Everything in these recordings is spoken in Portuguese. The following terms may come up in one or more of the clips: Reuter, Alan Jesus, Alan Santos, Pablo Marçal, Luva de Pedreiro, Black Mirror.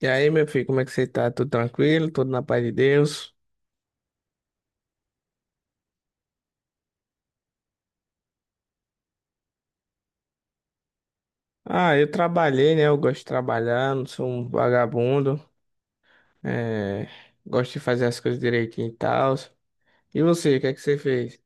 E aí, meu filho, como é que você tá? Tudo tranquilo? Tudo na paz de Deus? Ah, eu trabalhei, né? Eu gosto de trabalhar, não sou um vagabundo. É... Gosto de fazer as coisas direitinho e tal. E você, o que é que você fez?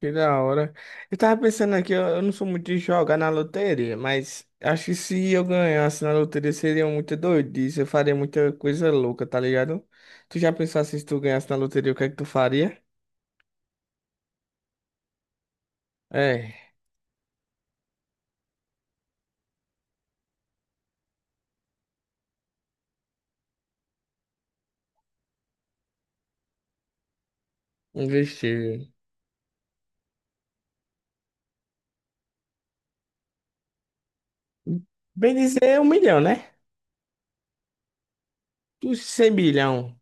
Que da hora. Eu tava pensando aqui, eu não sou muito de jogar na loteria, mas acho que se eu ganhasse na loteria seria muita doidice, eu faria muita coisa louca, tá ligado? Tu já pensou assim, se tu ganhasse na loteria, o que é que tu faria? É, investir. Bem dizer, um milhão, né? Dos 100 bilhão,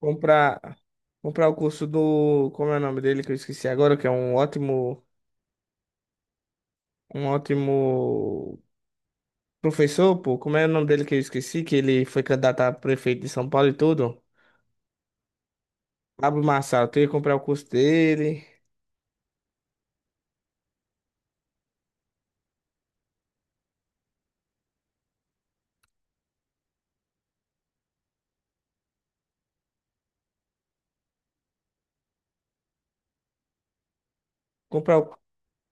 comprar, comprar o curso do, como é o nome dele que eu esqueci agora, que é um ótimo professor, pô, como é o nome dele que eu esqueci, que ele foi candidato a prefeito de São Paulo e tudo. Pablo Marçal, tu ia comprar o curso dele, comprar o,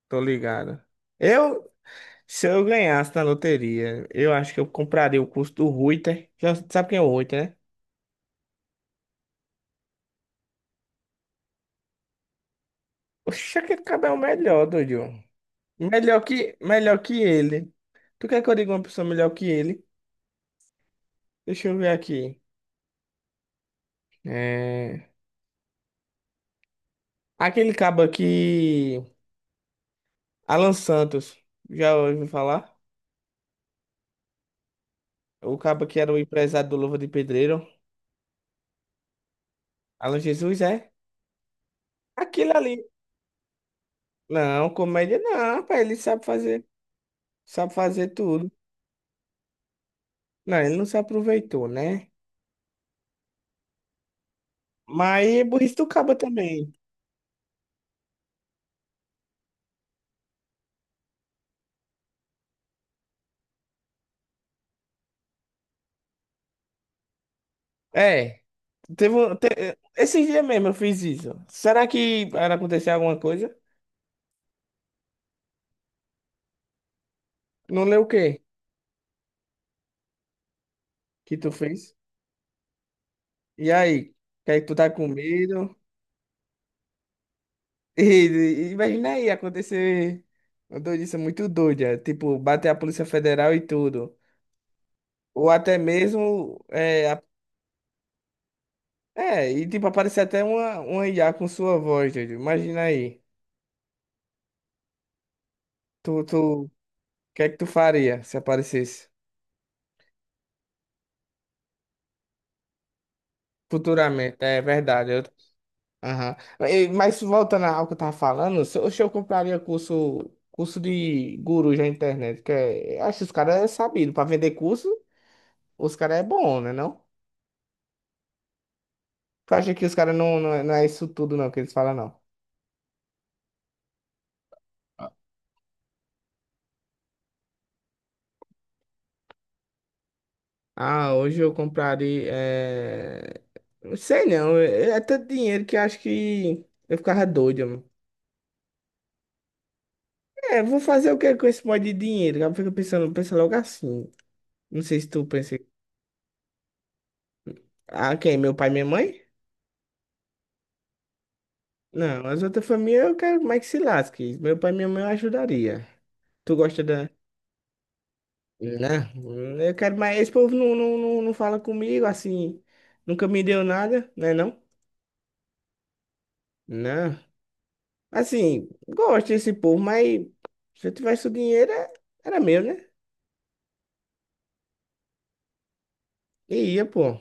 tô ligado. Eu, se eu ganhasse na loteria, eu acho que eu compraria o curso do Reuter. Já sabe quem é o Reuter, né? Oxe, aquele cara é o melhor, doido. Melhor que ele. Tu quer que eu diga uma pessoa melhor que ele? Deixa eu ver aqui. É... Aquele cabo aqui, Alan Santos. Já ouviu falar? O cabo que era o empresário do Luva de Pedreiro. Alan Jesus, é? Aquilo ali. Não, comédia não, rapaz. Ele sabe fazer. Sabe fazer tudo. Não, ele não se aproveitou, né? Mas é burrice do cabo também. É. Teve um, te- Esse dia mesmo eu fiz isso. Será que vai acontecer alguma coisa? Não leu o quê? Que tu fez. E aí, que aí tu tá com medo? Imagina aí acontecer uma doidice muito doida, tipo, bater a Polícia Federal e tudo. Ou até mesmo, é, a- É e tipo, aparecer até uma IA com sua voz, doido. Imagina aí. Tu, o que é que tu faria se aparecesse? Futuramente, é verdade. Eu... Aham. Mas voltando ao que eu tava falando, se eu compraria curso, curso de guru na internet, que é, acho que os caras é sabido para vender curso. Os caras é bom, né, não? Tu acha que os caras não, é não é isso tudo, não, que eles falam, não? Ah, hoje eu compraria... É... Não sei, não. É tanto dinheiro que eu acho que eu ficava doido, mano. É, vou fazer o que com esse monte de dinheiro? Eu fico pensando, pensa logo assim. Não sei se tu pensa... Ah, quem? Meu pai e minha mãe? Não, as outras famílias eu quero mais que se lasque. Meu pai e minha mãe eu ajudaria. Tu gosta da... Não, eu quero mais... Esse povo não fala comigo, assim... Nunca me deu nada, né, não? Né? Assim, gosto desse povo, mas se eu tivesse o dinheiro, era meu, né? E ia, pô.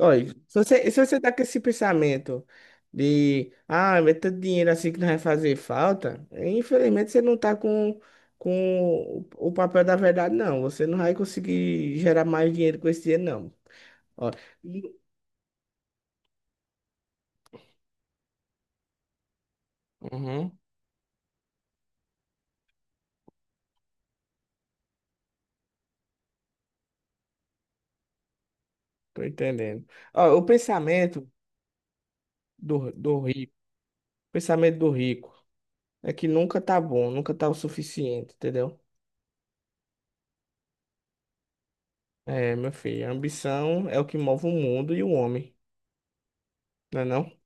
Olha, se você tá com esse pensamento de, ah, mas tanto dinheiro assim que não vai fazer falta, infelizmente você não tá com o papel da verdade, não. Você não vai conseguir gerar mais dinheiro com esse dinheiro, não. Ó, e- Uhum, tô entendendo. Ó, o pensamento do rico, o pensamento do rico é que nunca tá bom, nunca tá o suficiente, entendeu? É, meu filho, a ambição é o que move o mundo e o homem, não é não?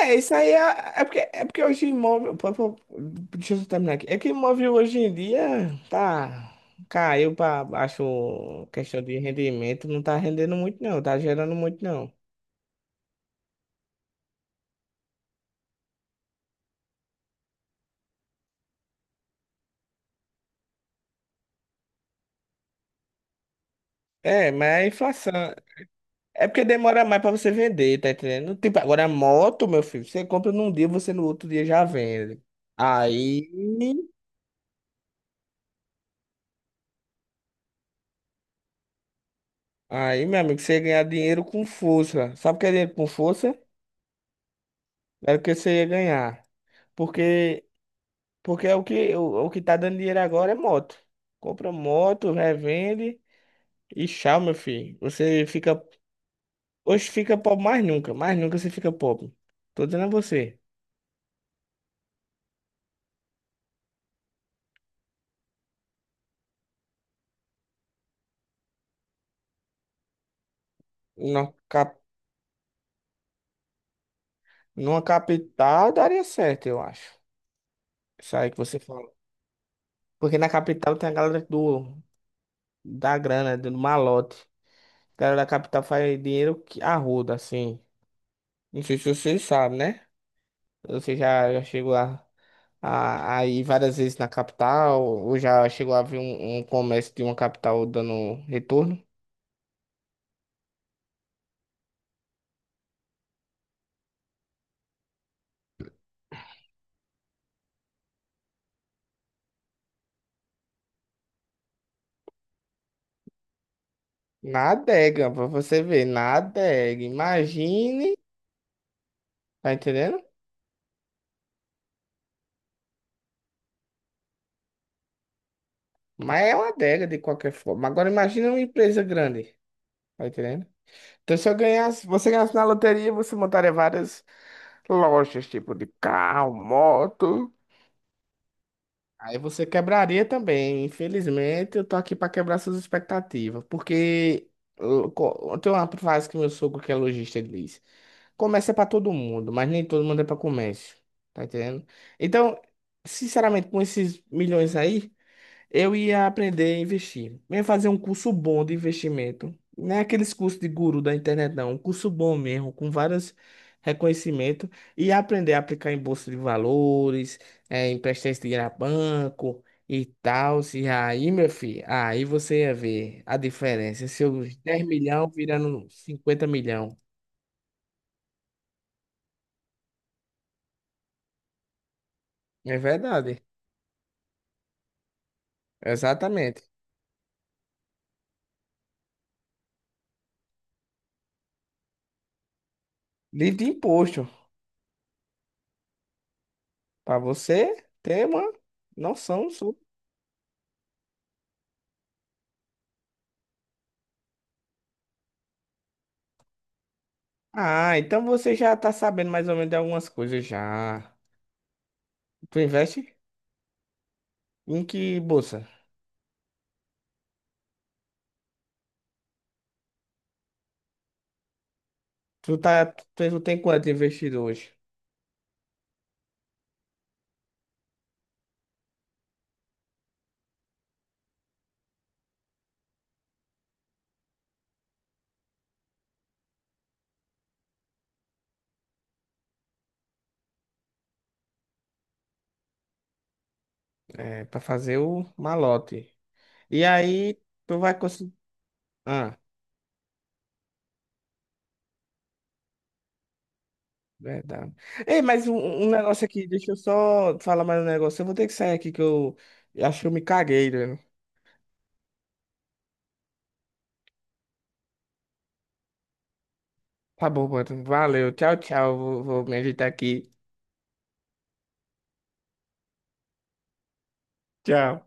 É, isso aí é, é porque, É porque hoje move. Deixa eu só terminar aqui. É que move hoje em dia tá. Caiu pra baixo questão de rendimento, não tá rendendo muito, não, tá gerando muito, não. É, mas a inflação. É porque demora mais pra você vender, tá entendendo? Tipo, agora a moto, meu filho, você compra num dia, você no outro dia já vende. Aí. Aí, meu amigo, você ganha dinheiro com força. Sabe o que é dinheiro com força? Era o que você ia ganhar. Porque, porque é o que tá dando dinheiro agora é moto. Compra moto, revende e tchau, meu filho. Você fica. Hoje fica pobre mais nunca. Mais nunca você fica pobre. Tô dizendo a você. Numa, cap, Numa capital daria certo, eu acho. Isso aí que você fala. Porque na capital tem a galera do, da grana, do malote. A galera da capital faz dinheiro que arruda, assim. Não sei se você sabe, né? Você já, já chegou lá. A ir várias vezes na capital, ou já chegou a ver um comércio de uma capital dando retorno? Na adega, pra você ver, na adega. Imagine, tá entendendo? Mas é uma adega de qualquer forma. Agora imagine uma empresa grande, tá entendendo? Então se eu ganhasse, você ganhasse na loteria, você montaria várias lojas, tipo de carro, moto. Aí você quebraria também. Infelizmente, eu tô aqui pra quebrar suas expectativas. Porque tem uma frase que meu sogro, que é lojista, ele diz: Comércio é pra todo mundo, mas nem todo mundo é pra comércio. Tá entendendo? Então, sinceramente, com esses milhões aí. Eu ia aprender a investir. Eu ia fazer um curso bom de investimento. Não é aqueles cursos de guru da internet, não. Um curso bom mesmo, com vários reconhecimentos. E aprender a aplicar em bolsa de valores, emprestar esse dinheiro a banco e tal. E aí, meu filho, aí você ia ver a diferença. Seus dez milhão virando cinquenta milhão. É verdade. Exatamente. Livre de imposto. Para você ter uma noção. Ah, então você já tá sabendo mais ou menos de algumas coisas já. Tu investe em que bolsa? Tu tá, tu, Tu tem quanto investido hoje? É, para fazer o malote. E aí tu vai conseguir. Ah, verdade. Ei, mas um negócio aqui, deixa eu só falar mais um negócio. Eu vou ter que sair aqui que eu acho que eu me caguei, né? Tá bom, mano. Valeu. Tchau, tchau. Vou meditar aqui. Tchau.